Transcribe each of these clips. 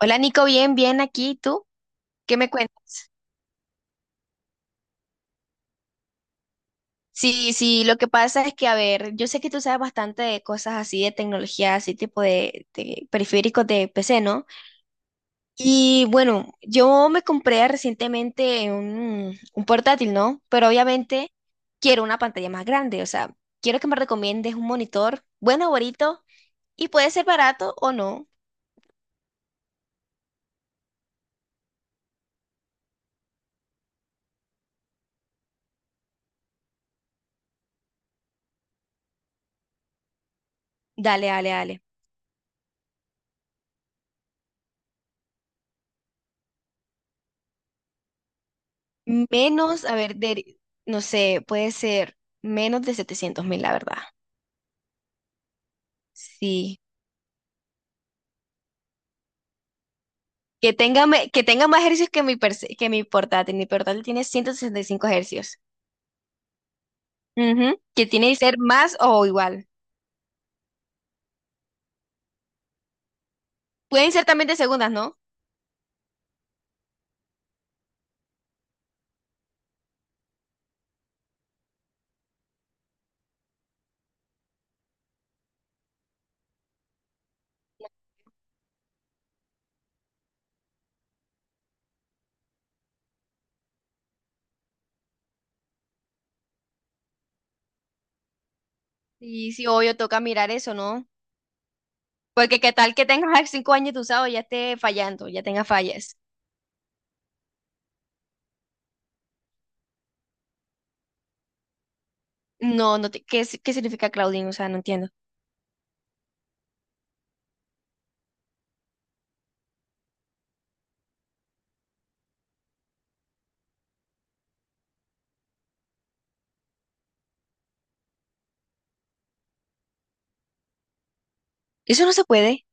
Hola Nico, bien, bien aquí. ¿Y tú qué me cuentas? Sí, sí, lo que pasa es que, a ver, yo sé que tú sabes bastante de cosas así de tecnología, así tipo de periféricos de PC, ¿no? Y bueno, yo me compré recientemente un portátil, ¿no? Pero obviamente quiero una pantalla más grande, o sea, quiero que me recomiendes un monitor bueno, bonito, y puede ser barato o no. Dale, dale, dale. Menos, a ver, de, no sé, puede ser menos de 700.000, la verdad. Sí. Que tenga más ejercicios que mi portátil. Mi portátil tiene 165 ejercicios. Ujú, que tiene que ser más o igual. Pueden ser también de segundas, ¿no? Y sí, obvio, toca mirar eso, ¿no? Porque qué tal que tengas 5 años de usado y ya esté fallando, ya tenga fallas. No, ¿qué, si- qué significa Claudine? O sea, no entiendo. Eso no se puede.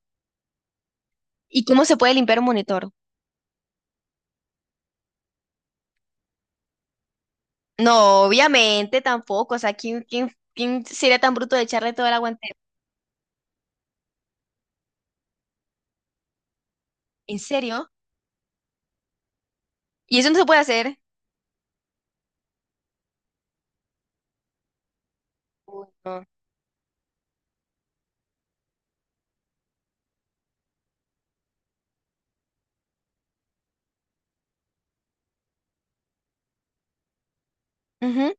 ¿Y cómo se puede limpiar un monitor? No, obviamente tampoco. O sea, ¿quién sería tan bruto de echarle todo el aguante? ¿En serio? ¿Y eso no se puede hacer? Uy, no.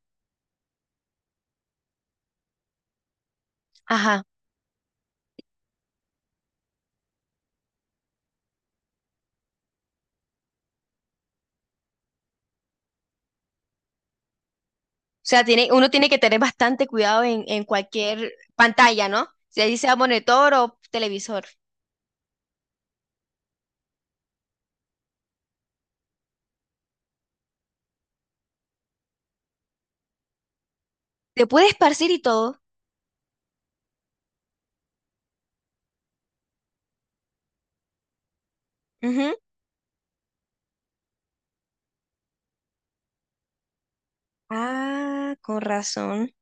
Ajá. O sea, uno tiene que tener bastante cuidado en cualquier pantalla, ¿no? Si ahí sea monitor o televisor. Se puede esparcir y todo. Ujú. Ah, con razón.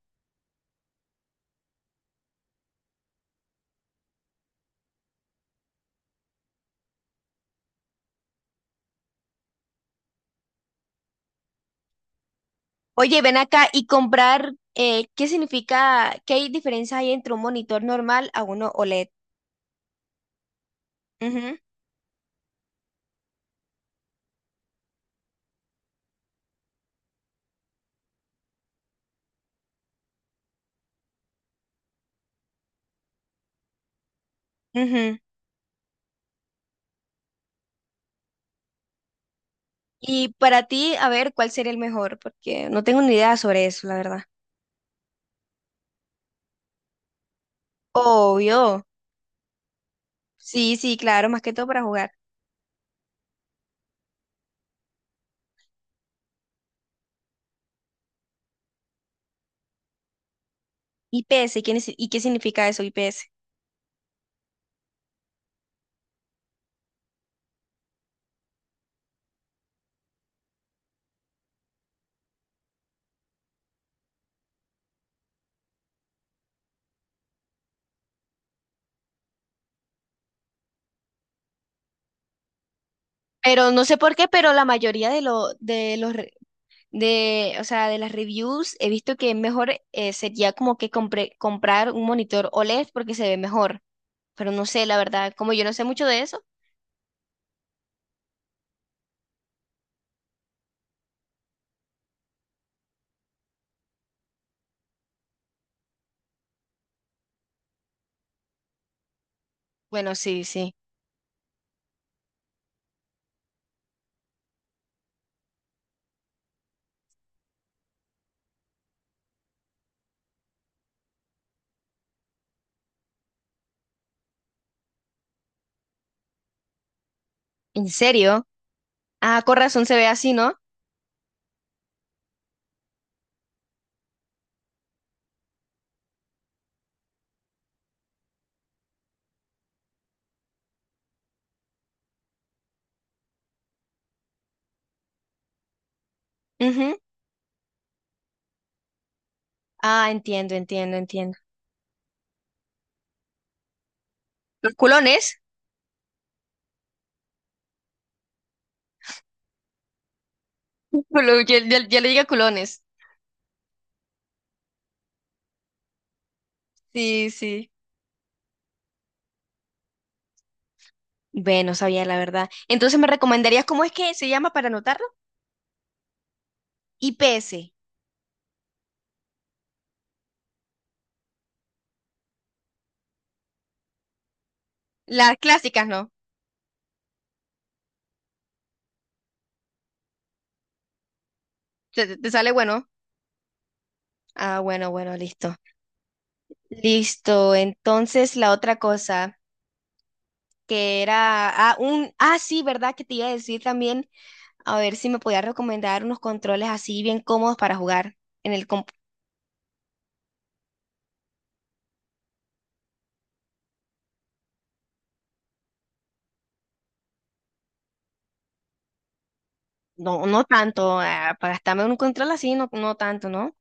Oye, ven acá y comprar, ¿Qué diferencia hay entre un monitor normal a uno OLED? Ujú, ujú. Y para ti, a ver, ¿cuál sería el mejor? Porque no tengo ni idea sobre eso, la verdad. Obvio. Sí, sí, claro, más que todo para jugar. IPS. ¿Y qué significa eso, IPS? Pero no sé por qué, pero la mayoría de lo, de los re- de, o sea, de las reviews he visto que mejor sería como que comprar un monitor OLED porque se ve mejor. Pero no sé, la verdad, como yo no sé mucho de eso. Bueno, sí, sí. ¿En serio? Ah, con razón se ve así, ¿no? Ujú. Ah, entiendo, entiendo, entiendo. Los culones. Ya le diga culones. Sí, sí. Bueno, sabía la verdad. Entonces, ¿me recomendarías cómo es que se llama para anotarlo? IPS. Las clásicas, ¿no? ¿Te sale bueno? Ah, bueno, bueno, listo. Listo. Entonces, la otra cosa que era, sí, ¿verdad? Que te iba a decir también, a ver si me podías recomendar unos controles así bien cómodos para jugar. en el comp- No, no tanto, para gastarme un control así, no, no tanto, ¿no?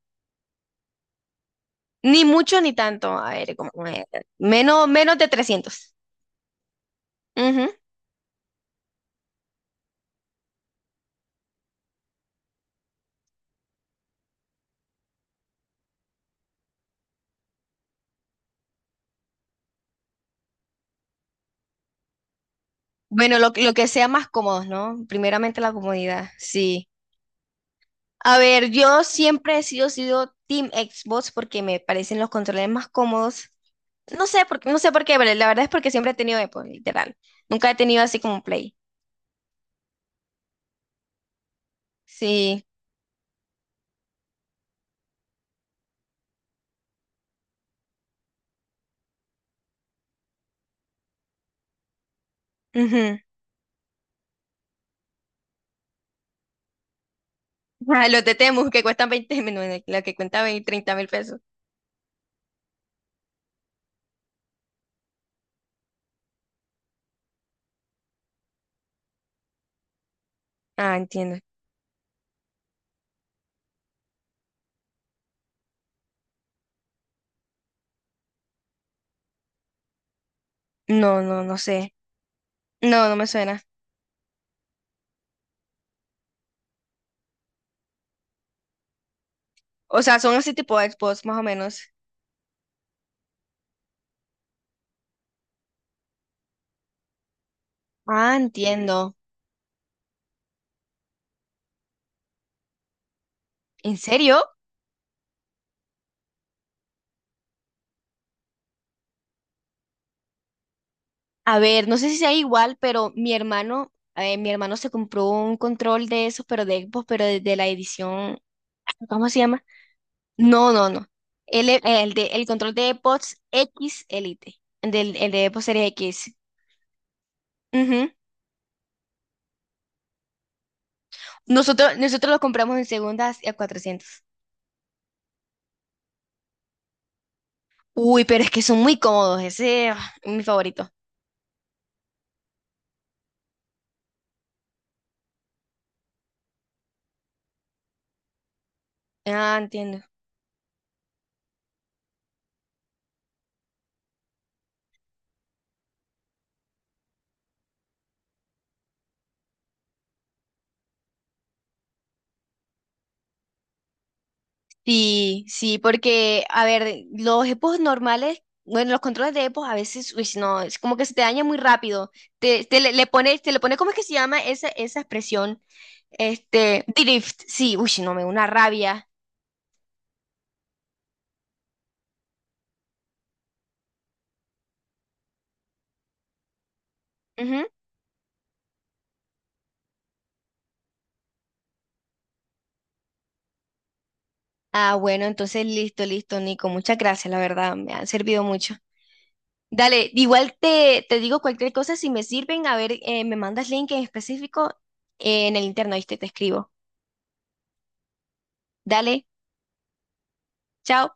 Ni mucho ni tanto. A ver, como, menos de 300. Ujú. Bueno, lo que sea más cómodos, ¿no? Primeramente la comodidad, sí. A ver, yo siempre he sido Team Xbox porque me parecen los controles más cómodos. No sé por qué, pero la verdad es porque siempre he tenido Apple, literal. Nunca he tenido así como un Play. Sí. Ujú. Ah, los de Temu que cuestan 20, mil, bueno, la que cuenta veinte, 30.000 pesos. Ah, entiendo. No, no, no sé. No, no me suena. O sea, son así tipo Xbox, más o menos. Ah, entiendo. ¿En serio? A ver, no sé si sea igual, pero mi hermano se compró un control de esos, pero de Xbox, pero de la edición, ¿cómo se llama? No, no, no. El control de Xbox X Elite, el de Xbox Series X. Ujú. Nosotros lo compramos en segundas a 400. Uy, pero es que son muy cómodos, ese es mi favorito. Ah, entiendo. Sí, sí, porque, a ver, los EPOs normales, bueno, los controles de EPOs a veces, uy, no, es como que se te daña muy rápido. Te le pone, ¿cómo es que se llama esa expresión? Drift, sí, uy, no, me da una rabia. Ujú. Ah, bueno, entonces listo, listo, Nico, muchas gracias, la verdad, me han servido mucho. Dale, igual te digo cualquier cosa, si me sirven, a ver, me mandas link en específico en el interno, ¿viste? Te escribo. Dale, chao.